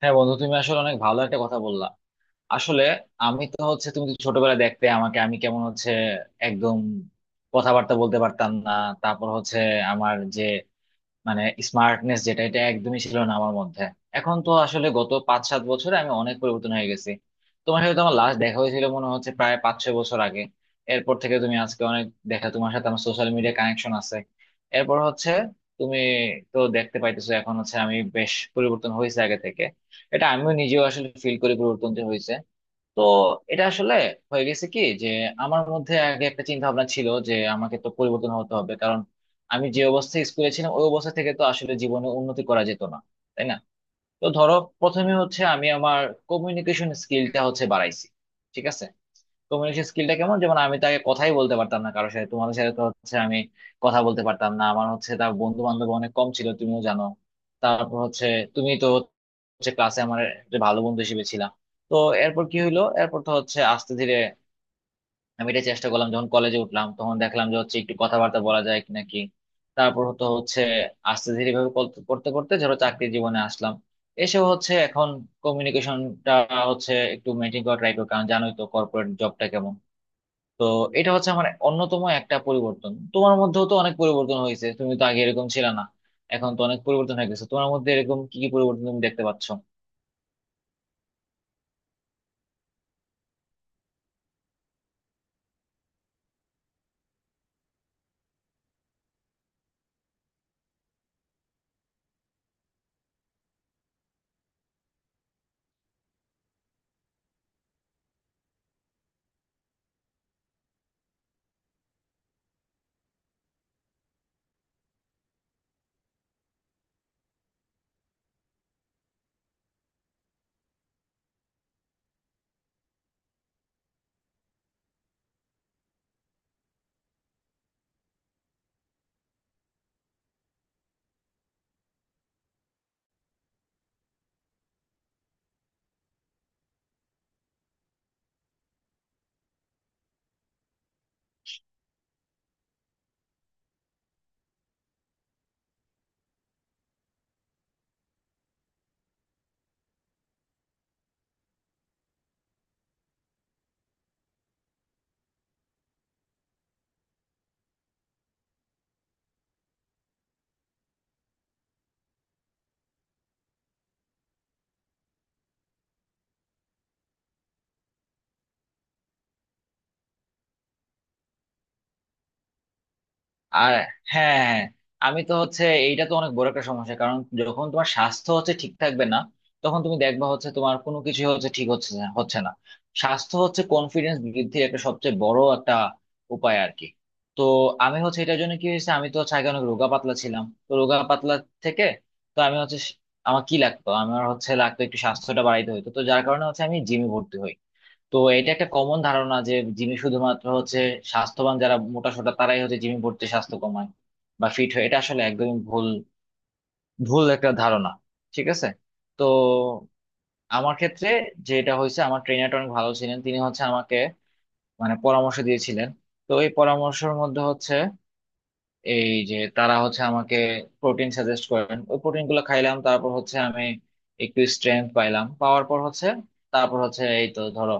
হ্যাঁ বন্ধু, তুমি আসলে অনেক ভালো একটা কথা বললা। আসলে আমি তো হচ্ছে তুমি তো ছোটবেলায় দেখতে আমাকে, আমি কেমন একদম কথাবার্তা বলতে পারতাম না। তারপর আমার যে মানে স্মার্টনেস, যেটা এটা একদমই ছিল না আমার মধ্যে। এখন তো আসলে গত 5-7 বছরে আমি অনেক পরিবর্তন হয়ে গেছি। তোমার সাথে তো আমার লাস্ট দেখা হয়েছিল মনে হচ্ছে প্রায় 5-6 বছর আগে। এরপর থেকে তুমি আজকে অনেক দেখা, তোমার সাথে আমার সোশ্যাল মিডিয়া কানেকশন আছে। এরপর তুমি তো দেখতে পাইতেছো এখন আমি বেশ পরিবর্তন হয়েছে আগে থেকে। এটা আমিও নিজেও আসলে ফিল করি পরিবর্তন হয়েছে। তো এটা আসলে হয়ে গেছে কি, যে আমার মধ্যে আগে একটা চিন্তা ভাবনা ছিল যে আমাকে তো পরিবর্তন হতে হবে, কারণ আমি যে অবস্থায় স্কুলে ছিলাম ওই অবস্থা থেকে তো আসলে জীবনে উন্নতি করা যেত না, তাই না? তো ধরো, প্রথমে আমি আমার কমিউনিকেশন স্কিলটা বাড়াইছি। ঠিক আছে? কমিউনিকেশন স্কিলটা কেমন, যেমন আমি তাকে কথাই বলতে পারতাম না কারোর সাথে, তোমাদের সাথে তো আমি কথা বলতে পারতাম না। আমার তার বন্ধু বান্ধব অনেক কম ছিল, তুমিও জানো। তারপর তুমি তো ক্লাসে আমার একটা ভালো বন্ধু হিসেবে ছিলাম। তো এরপর কি হলো, এরপর তো আস্তে ধীরে আমি এটা চেষ্টা করলাম, যখন কলেজে উঠলাম তখন দেখলাম যে একটু কথাবার্তা বলা যায় কি নাকি। তারপর তো হচ্ছে আস্তে ধীরে ভাবে করতে করতে ধরো চাকরি জীবনে আসলাম। এসব এখন কমিউনিকেশনটা একটু মেনটেন করা ট্রাই করি, কারণ জানোই তো কর্পোরেট জবটা কেমন। তো এটা আমার অন্যতম একটা পরিবর্তন। তোমার মধ্যেও তো অনেক পরিবর্তন হয়েছে, তুমি তো আগে এরকম ছিল না, এখন তো অনেক পরিবর্তন হয়ে গেছে তোমার মধ্যে। এরকম কি কি পরিবর্তন তুমি দেখতে পাচ্ছ? আর হ্যাঁ, হ্যাঁ। আমি তো হচ্ছে এইটা তো অনেক বড় একটা সমস্যা, কারণ যখন তোমার স্বাস্থ্য ঠিক থাকবে না, তখন তুমি দেখবা তোমার কোনো কিছু ঠিক হচ্ছে না। স্বাস্থ্য কনফিডেন্স বৃদ্ধির একটা সবচেয়ে বড় একটা উপায় আর কি। তো আমি এটার জন্য কি হয়েছে, আমি তো হচ্ছে আগে অনেক রোগা পাতলা ছিলাম। তো রোগা পাতলা থেকে তো আমি হচ্ছে স- আমার কি লাগতো, আমার লাগতো একটু স্বাস্থ্যটা বাড়াইতে হতো। তো যার কারণে আমি জিমে ভর্তি হই। তো এটা একটা কমন ধারণা যে জিমে শুধুমাত্র স্বাস্থ্যবান যারা মোটা সোটা তারাই জিমে ভর্তি স্বাস্থ্য কমায় বা ফিট হয়। এটা আসলে একদমই ভুল ভুল একটা ধারণা। ঠিক আছে? তো আমার ক্ষেত্রে যেটা হয়েছে, আমার ট্রেনারটা অনেক ভালো ছিলেন, তিনি আমাকে পরামর্শ দিয়েছিলেন। তো এই পরামর্শের মধ্যে এই যে তারা আমাকে প্রোটিন সাজেস্ট করেন, ওই প্রোটিন গুলো খাইলাম। তারপর আমি একটু স্ট্রেংথ পাইলাম। পাওয়ার পর হচ্ছে তারপর হচ্ছে এই তো ধরো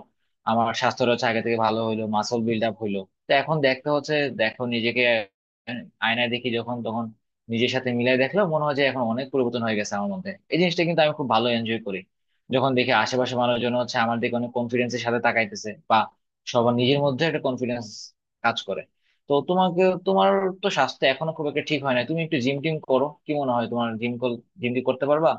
আমার স্বাস্থ্যটা আগে থেকে ভালো হইলো, মাসল বিল্ড আপ হইলো। তো এখন দেখতে দেখো নিজেকে, আয়নায় দেখি যখন, তখন নিজের সাথে মিলাই দেখলো মনে হয় যে এখন অনেক পরিবর্তন হয়ে গেছে আমার মধ্যে। এই জিনিসটা কিন্তু আমি খুব ভালো এনজয় করি, যখন দেখি আশেপাশে মানুষজন আমার দিকে অনেক কনফিডেন্সের সাথে তাকাইতেছে, বা সবার নিজের মধ্যে একটা কনফিডেন্স কাজ করে। তো তোমাকে তোমার তো স্বাস্থ্য এখনো খুব একটা ঠিক হয় না, তুমি একটু জিম টিম করো? কি মনে হয় তোমার, জিম জিম টিম করতে পারবা?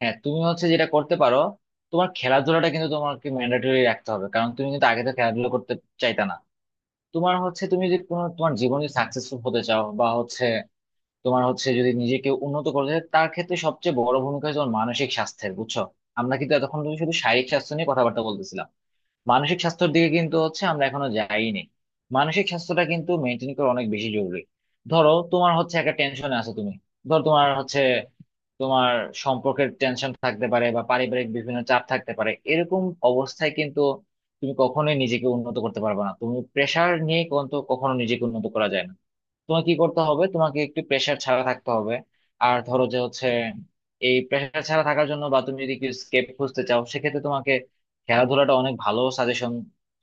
হ্যাঁ, তুমি যেটা করতে পারো, তোমার খেলাধুলাটা কিন্তু তোমাকে ম্যান্ডেটরি রাখতে হবে, কারণ তুমি কিন্তু আগে তো খেলাধুলা করতে চাইতা না। তোমার তুমি যদি কোনো তোমার জীবনে সাকসেসফুল হতে চাও, বা হচ্ছে তোমার হচ্ছে যদি নিজেকে উন্নত করতে চাও, তার ক্ষেত্রে সবচেয়ে বড় ভূমিকা তোমার মানসিক স্বাস্থ্যের, বুঝছো? আমরা কিন্তু এতক্ষণ ধরে শুধু শারীরিক স্বাস্থ্য নিয়ে কথাবার্তা বলতেছিলাম, মানসিক স্বাস্থ্যের দিকে কিন্তু আমরা এখনো যাইনি। মানসিক স্বাস্থ্যটা কিন্তু মেনটেন করা অনেক বেশি জরুরি। ধরো তোমার একটা টেনশনে আছো তুমি, ধরো তোমার সম্পর্কের টেনশন থাকতে পারে, বা পারিবারিক বিভিন্ন চাপ থাকতে পারে, এরকম অবস্থায় কিন্তু তুমি কখনোই নিজেকে উন্নত করতে পারবে না। তুমি প্রেসার নিয়ে কিন্তু কখনো নিজেকে উন্নত করা যায় না। তোমাকে কি করতে হবে, তোমাকে একটু প্রেশার ছাড়া থাকতে হবে। আর ধরো যে এই প্রেশার ছাড়া থাকার জন্য, বা তুমি যদি স্কেপ খুঁজতে চাও, সেক্ষেত্রে তোমাকে খেলাধুলাটা অনেক ভালো সাজেশন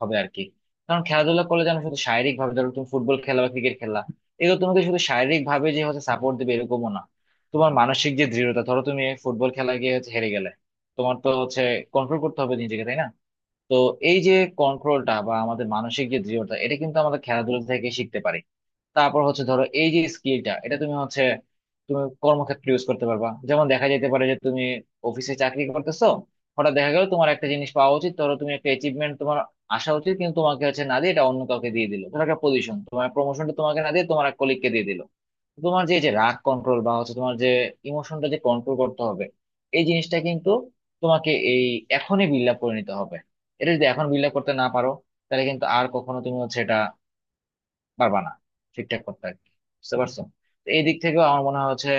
হবে আর কি। কারণ খেলাধুলা করলে যেন শুধু শারীরিক ভাবে, ধরো তুমি ফুটবল খেলা বা ক্রিকেট খেলা, এগুলো তোমাকে শুধু শারীরিক ভাবে যে সাপোর্ট দেবে এরকমও না, তোমার মানসিক যে দৃঢ়তা, ধরো তুমি ফুটবল খেলা গিয়ে হেরে গেলে তোমার তো হচ্ছে কন্ট্রোল করতে হবে নিজেকে, তাই না? তো এই যে কন্ট্রোলটা, বা আমাদের মানসিক যে দৃঢ়তা, এটা কিন্তু আমাদের খেলাধুলা থেকে শিখতে পারি। তারপর ধরো এই যে স্কিলটা, এটা তুমি তুমি কর্মক্ষেত্রে ইউজ করতে পারবা। যেমন দেখা যেতে পারে যে তুমি অফিসে চাকরি করতেছো, হঠাৎ দেখা গেল তোমার একটা জিনিস পাওয়া উচিত, ধরো তুমি একটা অ্যাচিভমেন্ট তোমার আসা উচিত কিন্তু তোমাকে না দিয়ে এটা অন্য কাউকে দিয়ে দিল, ধরো একটা পজিশন তোমার প্রমোশনটা তোমাকে না দিয়ে তোমার এক কলিগকে দিয়ে দিল, তোমার যে এই যে রাগ কন্ট্রোল, বা তোমার যে ইমোশনটা যে কন্ট্রোল করতে হবে, এই জিনিসটা কিন্তু তোমাকে এখনই বিল্ড আপ করে নিতে হবে। এটা যদি এখন বিল্ড আপ করতে না পারো, তাহলে কিন্তু আর কখনো তুমি এটা পারবা না ঠিকঠাক করতে আর কি। বুঝতে পারছো? তো এই দিক থেকেও আমার মনে হয় হচ্ছে।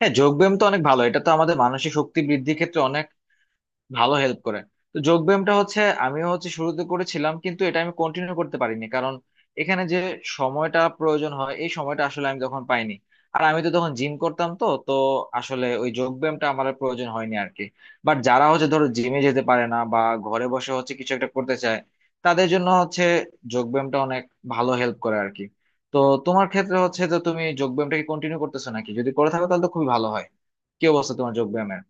হ্যাঁ, যোগ ব্যায়াম তো অনেক ভালো, এটা তো আমাদের মানসিক শক্তি বৃদ্ধির ক্ষেত্রে অনেক ভালো হেল্প করে। তো যোগ ব্যায়ামটা আমিও শুরুতে করেছিলাম, কিন্তু এটা আমি কন্টিনিউ করতে পারিনি, কারণ এখানে যে সময়টা প্রয়োজন হয় এই সময়টা আসলে আমি তখন পাইনি। আর আমি তো তখন জিম করতাম, তো তো আসলে ওই যোগ ব্যায়ামটা আমার আর প্রয়োজন হয়নি আর কি। বাট যারা ধরো জিমে যেতে পারে না, বা ঘরে বসে কিছু একটা করতে চায়, তাদের জন্য যোগ ব্যায়ামটা অনেক ভালো হেল্প করে আর কি। তো তোমার ক্ষেত্রে যে তুমি যোগ ব্যায়ামটাকে কন্টিনিউ করতেছো নাকি, যদি করে থাকো তাহলে তো খুবই ভালো হয়। কি অবস্থা তোমার যোগ ব্যায়ামের?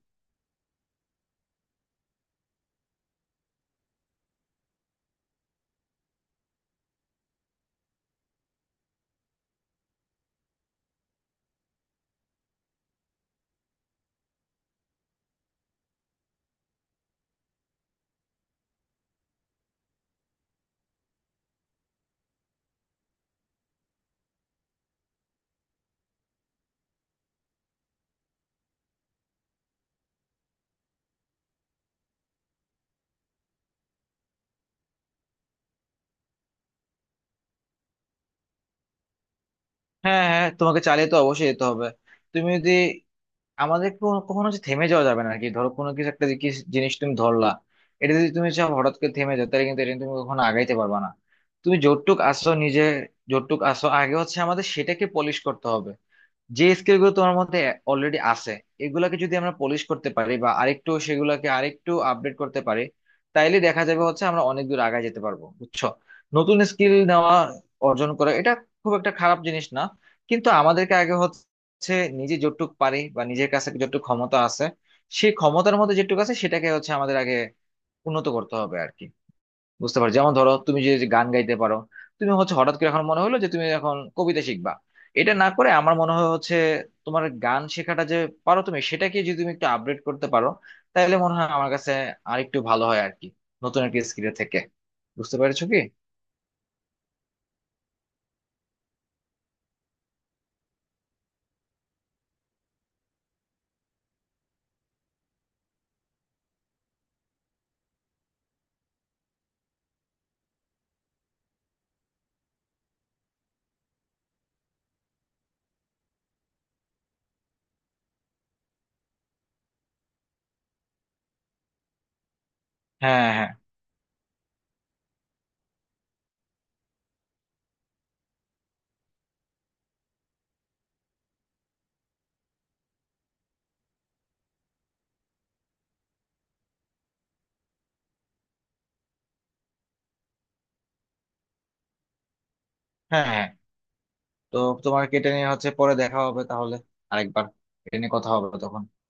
হ্যাঁ হ্যাঁ, তোমাকে চালিয়ে তো অবশ্যই যেতে হবে। তুমি যদি আমাদের কখনো থেমে যাওয়া যাবে না আর কি। ধরো কোনো কিছু একটা কিছু জিনিস তুমি ধরলা, এটা যদি তুমি চাও হঠাৎ করে থেমে যাও, তাহলে কিন্তু এটা নিয়ে তুমি কখনো আগাইতে পারবে না। তুমি যতটুক আসো নিজে যতটুক আসো আগে আমাদের সেটাকে পলিশ করতে হবে। যে স্কিল গুলো তোমার মধ্যে অলরেডি আছে, এগুলাকে যদি আমরা পলিশ করতে পারি, বা আরেকটু সেগুলাকে আরেকটু আপডেট করতে পারি, তাইলে দেখা যাবে আমরা অনেক দূর আগায় যেতে পারবো, বুঝছো? নতুন স্কিল নেওয়া অর্জন করা এটা খুব একটা খারাপ জিনিস না, কিন্তু আমাদেরকে আগে নিজে যতটুকু পারি বা নিজের কাছে যতটুকু ক্ষমতা আছে, সেই ক্ষমতার মধ্যে যেটুকু আছে সেটাকে আমাদের আগে উন্নত করতে হবে আর কি। বুঝতে পারো, যেমন ধরো তুমি যে যে গান গাইতে পারো, তুমি হঠাৎ করে এখন মনে হলো যে তুমি এখন কবিতা শিখবা, এটা না করে আমার মনে হয় তোমার গান শেখাটা যে পারো তুমি, সেটাকে যদি তুমি একটু আপডেট করতে পারো, তাহলে মনে হয় আমার কাছে আরেকটু ভালো হয় আর কি, নতুন একটা স্কিলের থেকে। বুঝতে পেরেছো কি? হ্যাঁ হ্যাঁ হ্যাঁ হ্যাঁ তো তোমার এটা নিয়ে পরে দেখা হবে তাহলে, আরেকবার এটা নিয়ে কথা হবে তখন।